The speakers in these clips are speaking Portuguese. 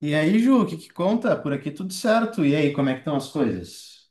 E aí, Ju, o que que conta? Por aqui tudo certo. E aí, como é que estão as coisas?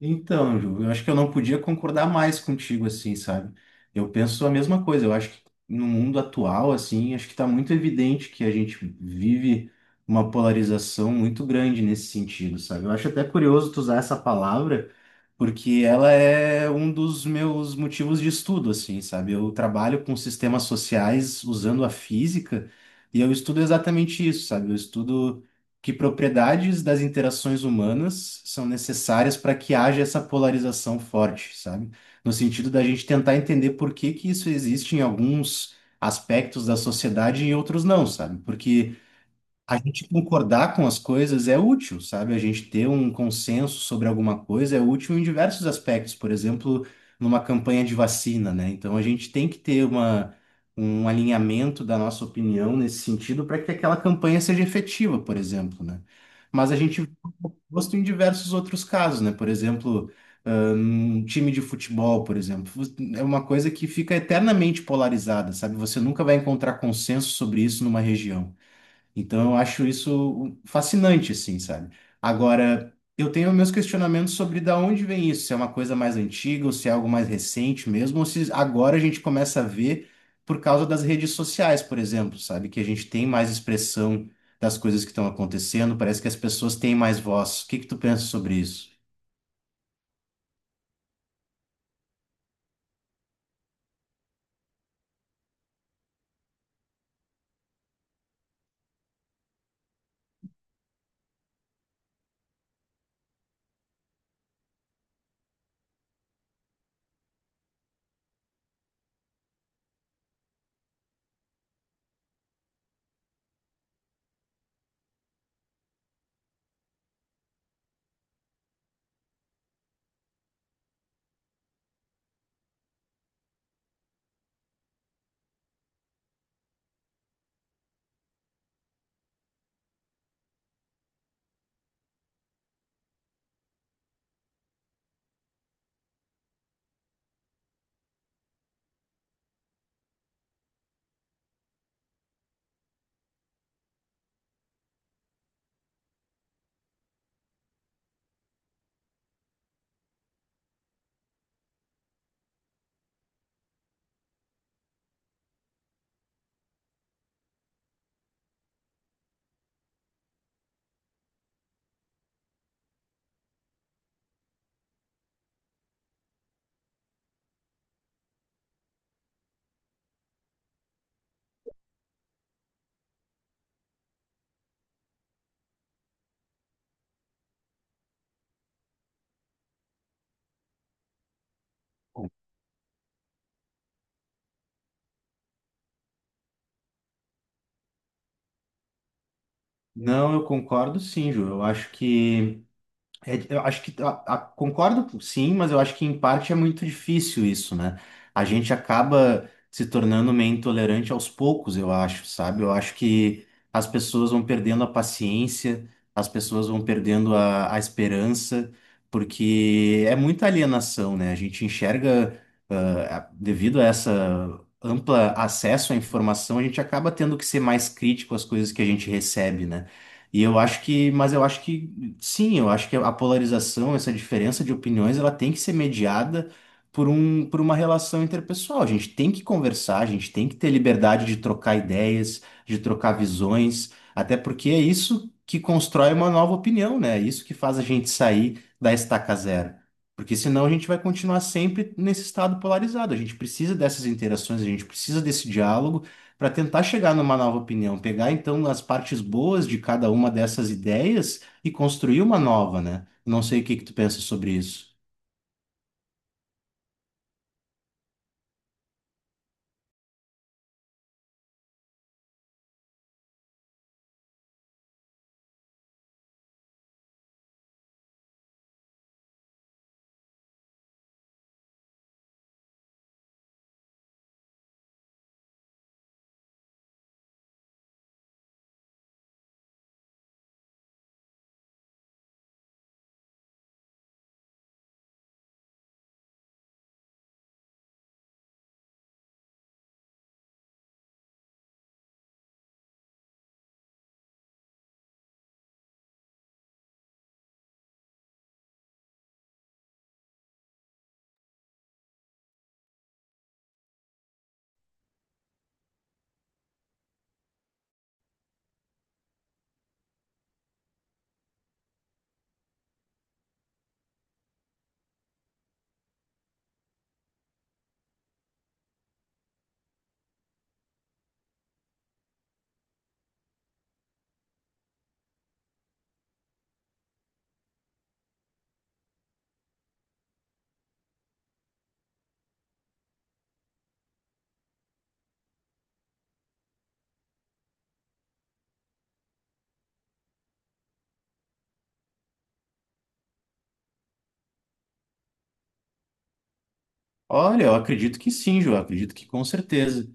Então, Ju, eu acho que eu não podia concordar mais contigo assim, sabe? Eu penso a mesma coisa. Eu acho que no mundo atual, assim, acho que está muito evidente que a gente vive uma polarização muito grande nesse sentido, sabe? Eu acho até curioso tu usar essa palavra, porque ela é um dos meus motivos de estudo, assim, sabe? Eu trabalho com sistemas sociais usando a física e eu estudo exatamente isso, sabe? Eu estudo que propriedades das interações humanas são necessárias para que haja essa polarização forte, sabe? No sentido da gente tentar entender por que que isso existe em alguns aspectos da sociedade e em outros não, sabe? Porque a gente concordar com as coisas é útil, sabe? A gente ter um consenso sobre alguma coisa é útil em diversos aspectos, por exemplo, numa campanha de vacina, né? Então a gente tem que ter um alinhamento da nossa opinião nesse sentido para que aquela campanha seja efetiva, por exemplo, né? Mas a gente gosta em diversos outros casos, né? Por exemplo, ah, um time de futebol, por exemplo, é uma coisa que fica eternamente polarizada, sabe? Você nunca vai encontrar consenso sobre isso numa região. Então eu acho isso fascinante, assim, sabe? Agora, eu tenho meus questionamentos sobre da onde vem isso, se é uma coisa mais antiga, ou se é algo mais recente mesmo, ou se agora a gente começa a ver por causa das redes sociais, por exemplo, sabe? Que a gente tem mais expressão das coisas que estão acontecendo, parece que as pessoas têm mais voz. O que que tu pensa sobre isso? Não, eu concordo sim, Ju. Eu acho que é, eu acho que concordo, sim, mas eu acho que em parte é muito difícil isso, né? A gente acaba se tornando meio intolerante aos poucos, eu acho, sabe? Eu acho que as pessoas vão perdendo a paciência, as pessoas vão perdendo a esperança, porque é muita alienação, né? A gente enxerga, ah, a- devido a essa ampla acesso à informação, a gente acaba tendo que ser mais crítico às coisas que a gente recebe, né? E eu acho que, mas eu acho que sim, eu acho que a polarização, essa diferença de opiniões, ela tem que ser mediada por uma relação interpessoal. A gente tem que conversar, a gente tem que ter liberdade de trocar ideias, de trocar visões, até porque é isso que constrói uma nova opinião, né? É isso que faz a gente sair da estaca zero. Porque senão a gente vai continuar sempre nesse estado polarizado. A gente precisa dessas interações, a gente precisa desse diálogo para tentar chegar numa nova opinião, pegar então as partes boas de cada uma dessas ideias e construir uma nova, né? Não sei o que que tu pensa sobre isso. Olha, eu acredito que sim, Ju, eu acredito que com certeza,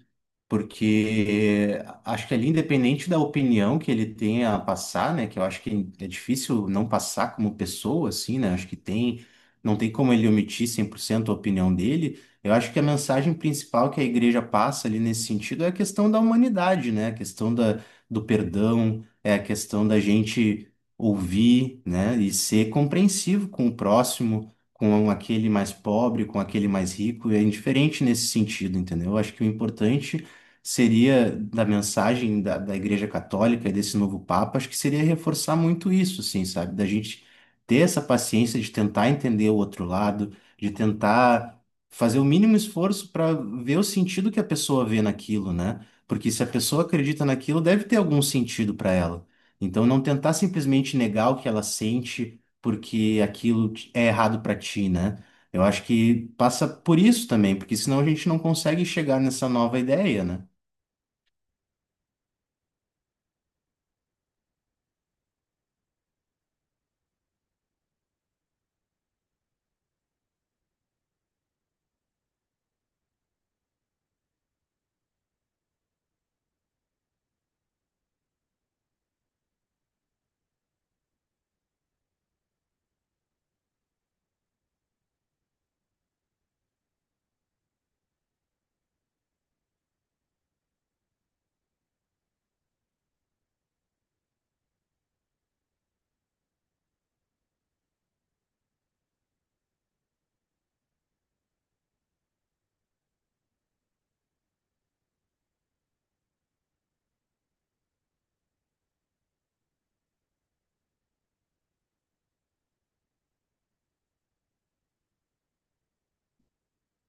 porque acho que ali, independente da opinião que ele tenha a passar, né, que eu acho que é difícil não passar como pessoa, assim, né, acho que tem, não tem como ele omitir 100% a opinião dele, eu acho que a mensagem principal que a igreja passa ali nesse sentido é a questão da humanidade, né, a questão do perdão, é a questão da gente ouvir, né, e ser compreensivo com o próximo, com aquele mais pobre, com aquele mais rico, é indiferente nesse sentido, entendeu? Eu acho que o importante seria da mensagem da Igreja Católica e desse novo Papa, acho que seria reforçar muito isso, assim, sabe? Da gente ter essa paciência de tentar entender o outro lado, de tentar fazer o mínimo esforço para ver o sentido que a pessoa vê naquilo, né? Porque se a pessoa acredita naquilo, deve ter algum sentido para ela. Então, não tentar simplesmente negar o que ela sente porque é errado para ti, né? Eu acho que passa por isso também, porque senão a gente não consegue chegar nessa nova ideia, né?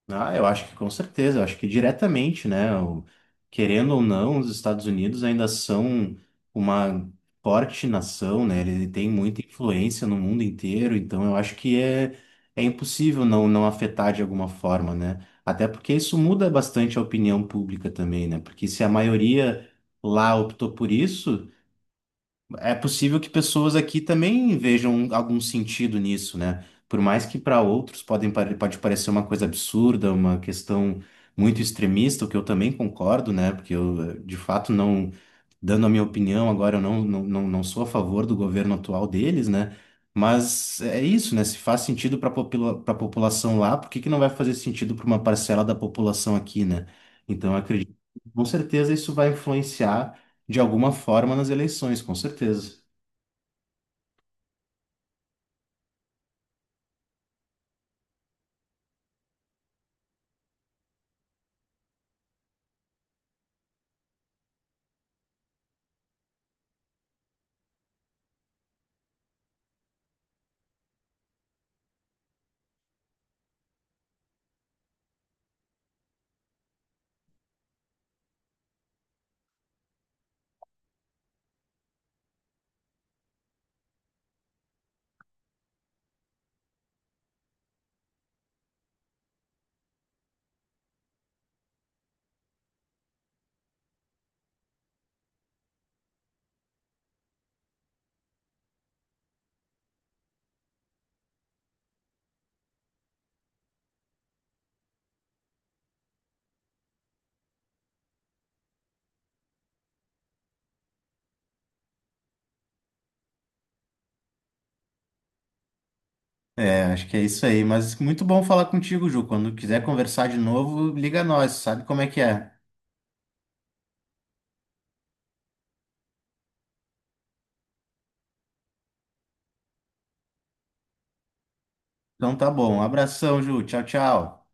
Ah, eu acho que com certeza, eu acho que diretamente, né? Querendo ou não, os Estados Unidos ainda são uma forte nação, né? Ele tem muita influência no mundo inteiro, então eu acho que é impossível não afetar de alguma forma, né? Até porque isso muda bastante a opinião pública também, né? Porque se a maioria lá optou por isso, é possível que pessoas aqui também vejam algum sentido nisso, né? Por mais que para outros pode parecer uma coisa absurda, uma questão muito extremista, o que eu também concordo, né? Porque eu, de fato, não, dando a minha opinião, agora eu não sou a favor do governo atual deles, né? Mas é isso, né? Se faz sentido para a população lá, por que que não vai fazer sentido para uma parcela da população aqui, né? Então, eu acredito, que, com certeza isso vai influenciar de alguma forma nas eleições, com certeza. É, acho que é isso aí. Mas muito bom falar contigo, Ju. Quando quiser conversar de novo, liga nós, sabe como é que é. Então tá bom. Um abração, Ju. Tchau, tchau.